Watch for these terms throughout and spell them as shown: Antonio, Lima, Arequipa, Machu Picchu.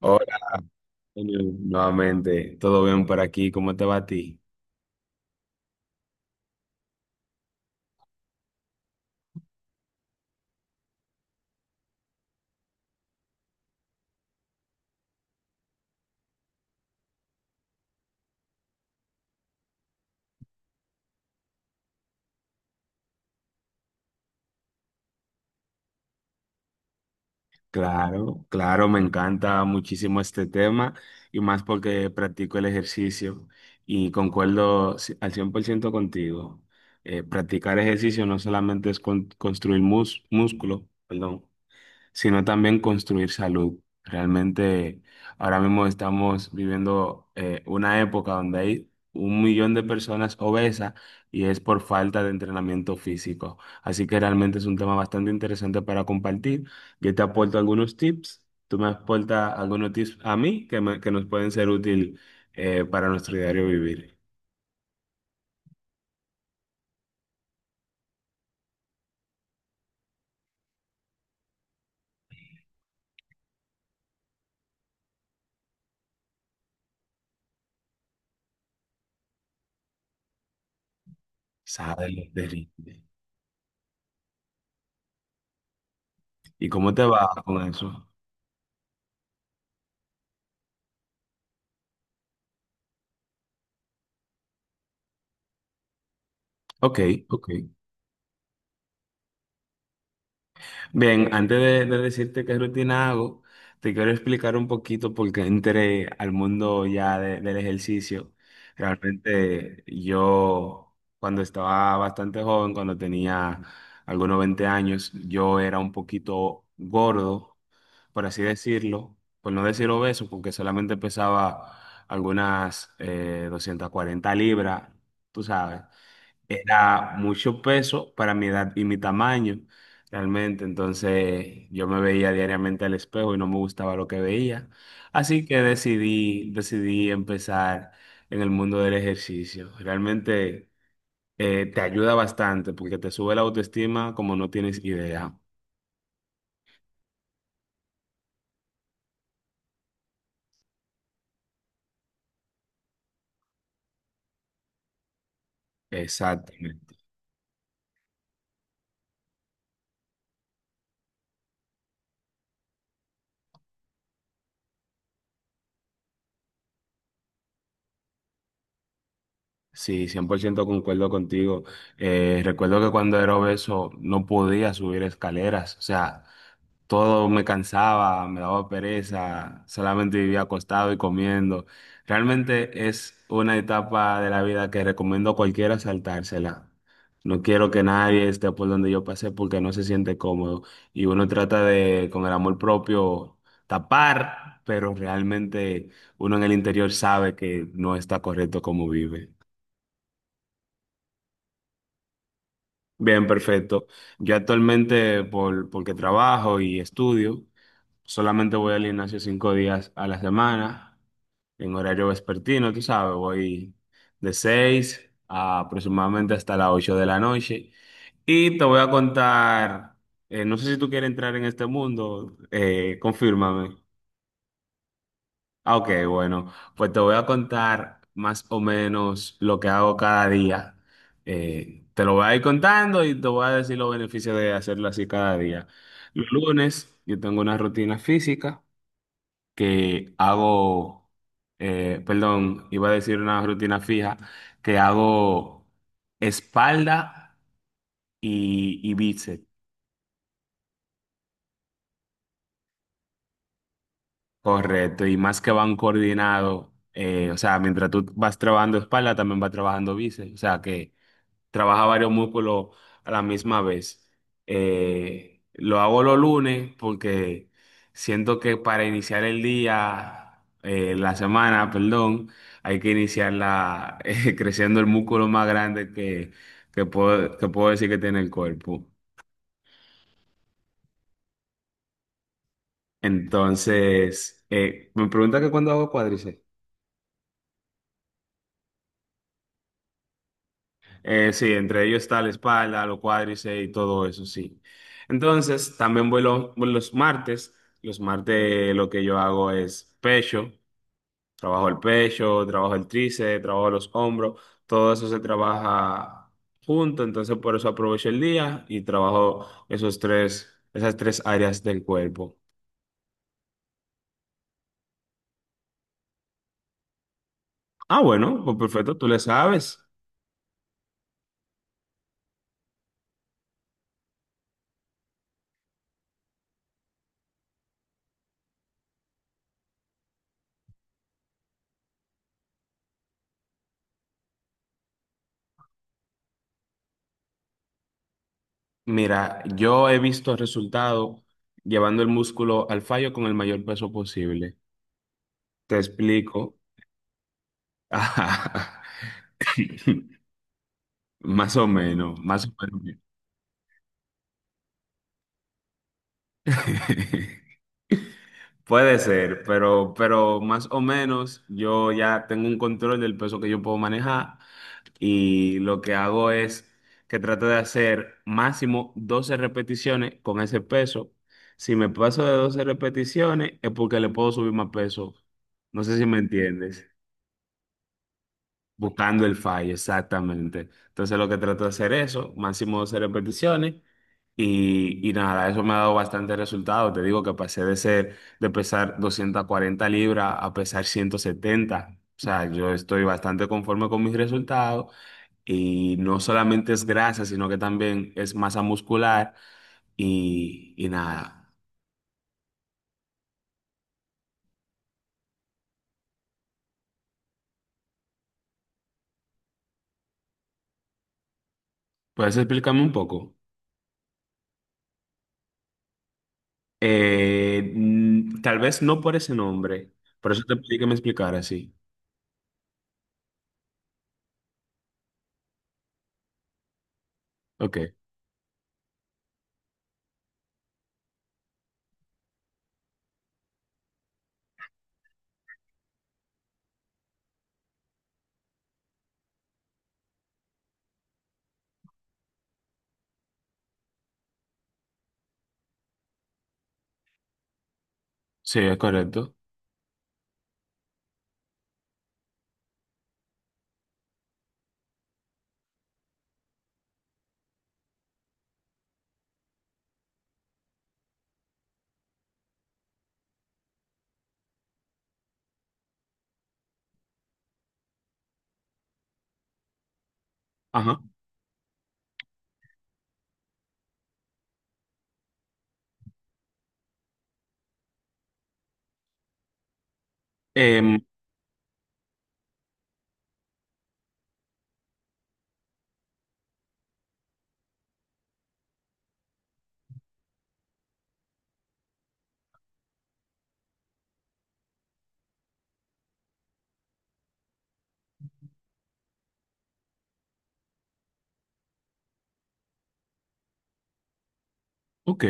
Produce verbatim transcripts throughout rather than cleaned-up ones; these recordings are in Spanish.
Hola, Antonio, nuevamente, ¿todo bien por aquí? ¿Cómo te va a ti? Claro, claro, me encanta muchísimo este tema y más porque practico el ejercicio y concuerdo ci- al cien por ciento contigo. Eh, practicar ejercicio no solamente es con- construir mus- músculo, perdón, sino también construir salud. Realmente ahora mismo estamos viviendo eh, una época donde hay un millón de personas obesas y es por falta de entrenamiento físico. Así que realmente es un tema bastante interesante para compartir. Yo te aporto algunos tips, tú me aportas algunos tips a mí que, me- que nos pueden ser útil eh, para nuestro diario vivir. Sale de ritmo. ¿Y cómo te va con eso? Ok, ok. Bien, antes de, de decirte qué rutina hago, te quiero explicar un poquito por qué entré al mundo ya de- del ejercicio. Realmente yo, cuando estaba bastante joven, cuando tenía algunos veinte años, yo era un poquito gordo, por así decirlo, por no decir obeso, porque solamente pesaba algunas eh, doscientas cuarenta libras, tú sabes. Era mucho peso para mi edad y mi tamaño, realmente. Entonces yo me veía diariamente al espejo y no me gustaba lo que veía. Así que decidí, decidí empezar en el mundo del ejercicio. Realmente eh, te ayuda bastante porque te sube la autoestima como no tienes idea. Exacto. Sí, cien por ciento concuerdo contigo. Eh, recuerdo que cuando era obeso no podía subir escaleras, o sea, todo me cansaba, me daba pereza, solamente vivía acostado y comiendo. Realmente es una etapa de la vida que recomiendo a cualquiera saltársela. No quiero que nadie esté por donde yo pasé porque no se siente cómodo y uno trata de, con el amor propio, tapar, pero realmente uno en el interior sabe que no está correcto como vive. Bien, perfecto. Yo actualmente, por, porque trabajo y estudio, solamente voy al gimnasio cinco días a la semana, en horario vespertino, tú sabes, voy de seis a aproximadamente hasta las ocho de la noche. Y te voy a contar, eh, no sé si tú quieres entrar en este mundo, eh, confírmame. Ah, ok, bueno, pues te voy a contar más o menos lo que hago cada día. Eh, te lo voy a ir contando y te voy a decir los beneficios de hacerlo así cada día. Los lunes yo tengo una rutina física que hago, eh, perdón, iba a decir una rutina fija, que hago espalda y, y bíceps. Correcto, y más que van coordinados, eh, o sea, mientras tú vas trabajando espalda, también vas trabajando bíceps, o sea que... trabaja varios músculos a la misma vez. Eh, lo hago los lunes porque siento que para iniciar el día, eh, la semana, perdón, hay que iniciarla eh, creciendo el músculo más grande que, que puedo, que puedo decir que tiene el cuerpo. Entonces, eh, me pregunta que cuándo hago cuádriceps. Eh, sí, entre ellos está la espalda, los cuádriceps y todo eso, sí. Entonces, también voy los, voy los martes. Los martes lo que yo hago es pecho. Trabajo el pecho, trabajo el tríceps, trabajo los hombros. Todo eso se trabaja junto, entonces por eso aprovecho el día y trabajo esos tres, esas tres áreas del cuerpo. Ah, bueno, pues perfecto, tú le sabes. Mira, yo he visto resultados llevando el músculo al fallo con el mayor peso posible. Te explico. Más o menos, más o menos. Puede ser, pero, pero más o menos yo ya tengo un control del peso que yo puedo manejar y lo que hago es que trato de hacer máximo doce repeticiones con ese peso. Si me paso de doce repeticiones es porque le puedo subir más peso. No sé si me entiendes. Buscando el fallo, exactamente. Entonces lo que trato de hacer eso, máximo doce repeticiones y, y nada, eso me ha dado bastante resultado. Te digo que pasé de ser, de pesar doscientas cuarenta libras a pesar ciento setenta. O sea, yo estoy bastante conforme con mis resultados y no solamente es grasa, sino que también es masa muscular y, y nada. ¿Puedes explicarme un poco? Eh, mm, tal vez no por ese nombre, por eso te pedí que me explicara, sí. Ok. Sí, es correcto. Ajá. Em, ok.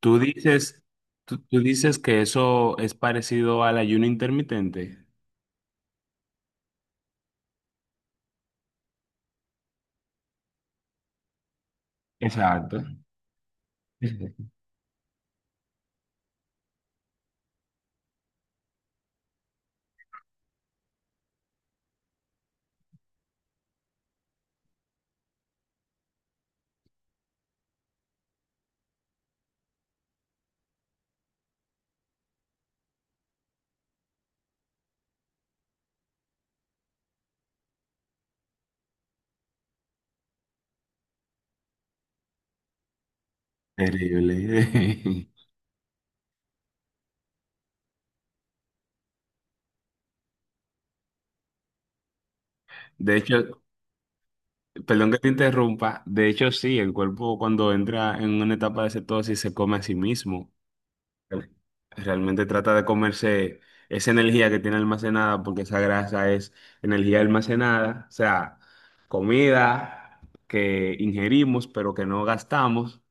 Tú dices, tú, tú dices que eso es parecido al ayuno intermitente. Exacto. Terrible. De hecho, perdón que te interrumpa. De hecho, sí, el cuerpo cuando entra en una etapa de cetosis se come a sí mismo. Re- Realmente trata de comerse esa energía que tiene almacenada, porque esa grasa es energía almacenada, o sea, comida que ingerimos pero que no gastamos,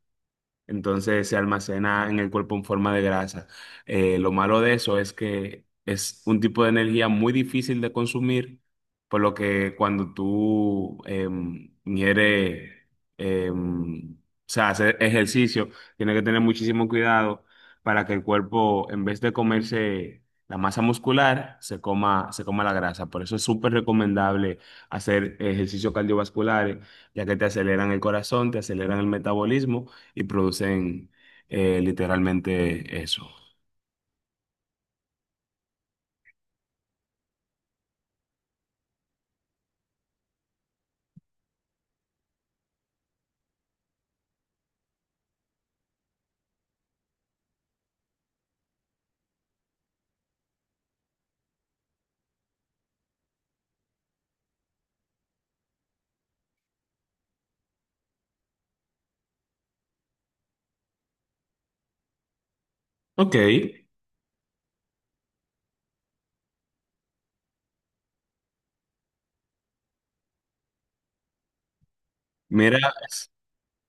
entonces se almacena en el cuerpo en forma de grasa. Eh, lo malo de eso es que es un tipo de energía muy difícil de consumir, por lo que cuando tú em, ingieres, em, o sea, hacer ejercicio, tienes que tener muchísimo cuidado para que el cuerpo, en vez de comerse la masa muscular, se coma, se coma la grasa. Por eso es súper recomendable hacer ejercicios cardiovasculares, ya que te aceleran el corazón, te aceleran el metabolismo y producen eh, literalmente eso. Ok, mira, es-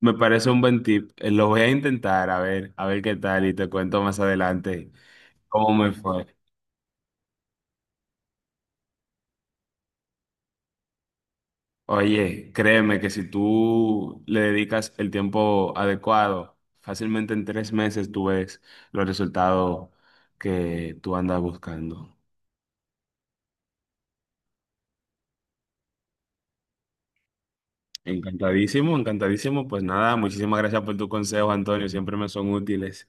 me parece un buen tip. Eh, Lo voy a intentar, a ver, a ver qué tal y te cuento más adelante cómo me fue. Oye, créeme que si tú le dedicas el tiempo adecuado, fácilmente en tres meses tú ves los resultados que tú andas buscando. Encantadísimo, encantadísimo. Pues nada, muchísimas gracias por tu consejo, Antonio. Siempre me son útiles.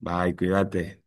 Bye, cuídate.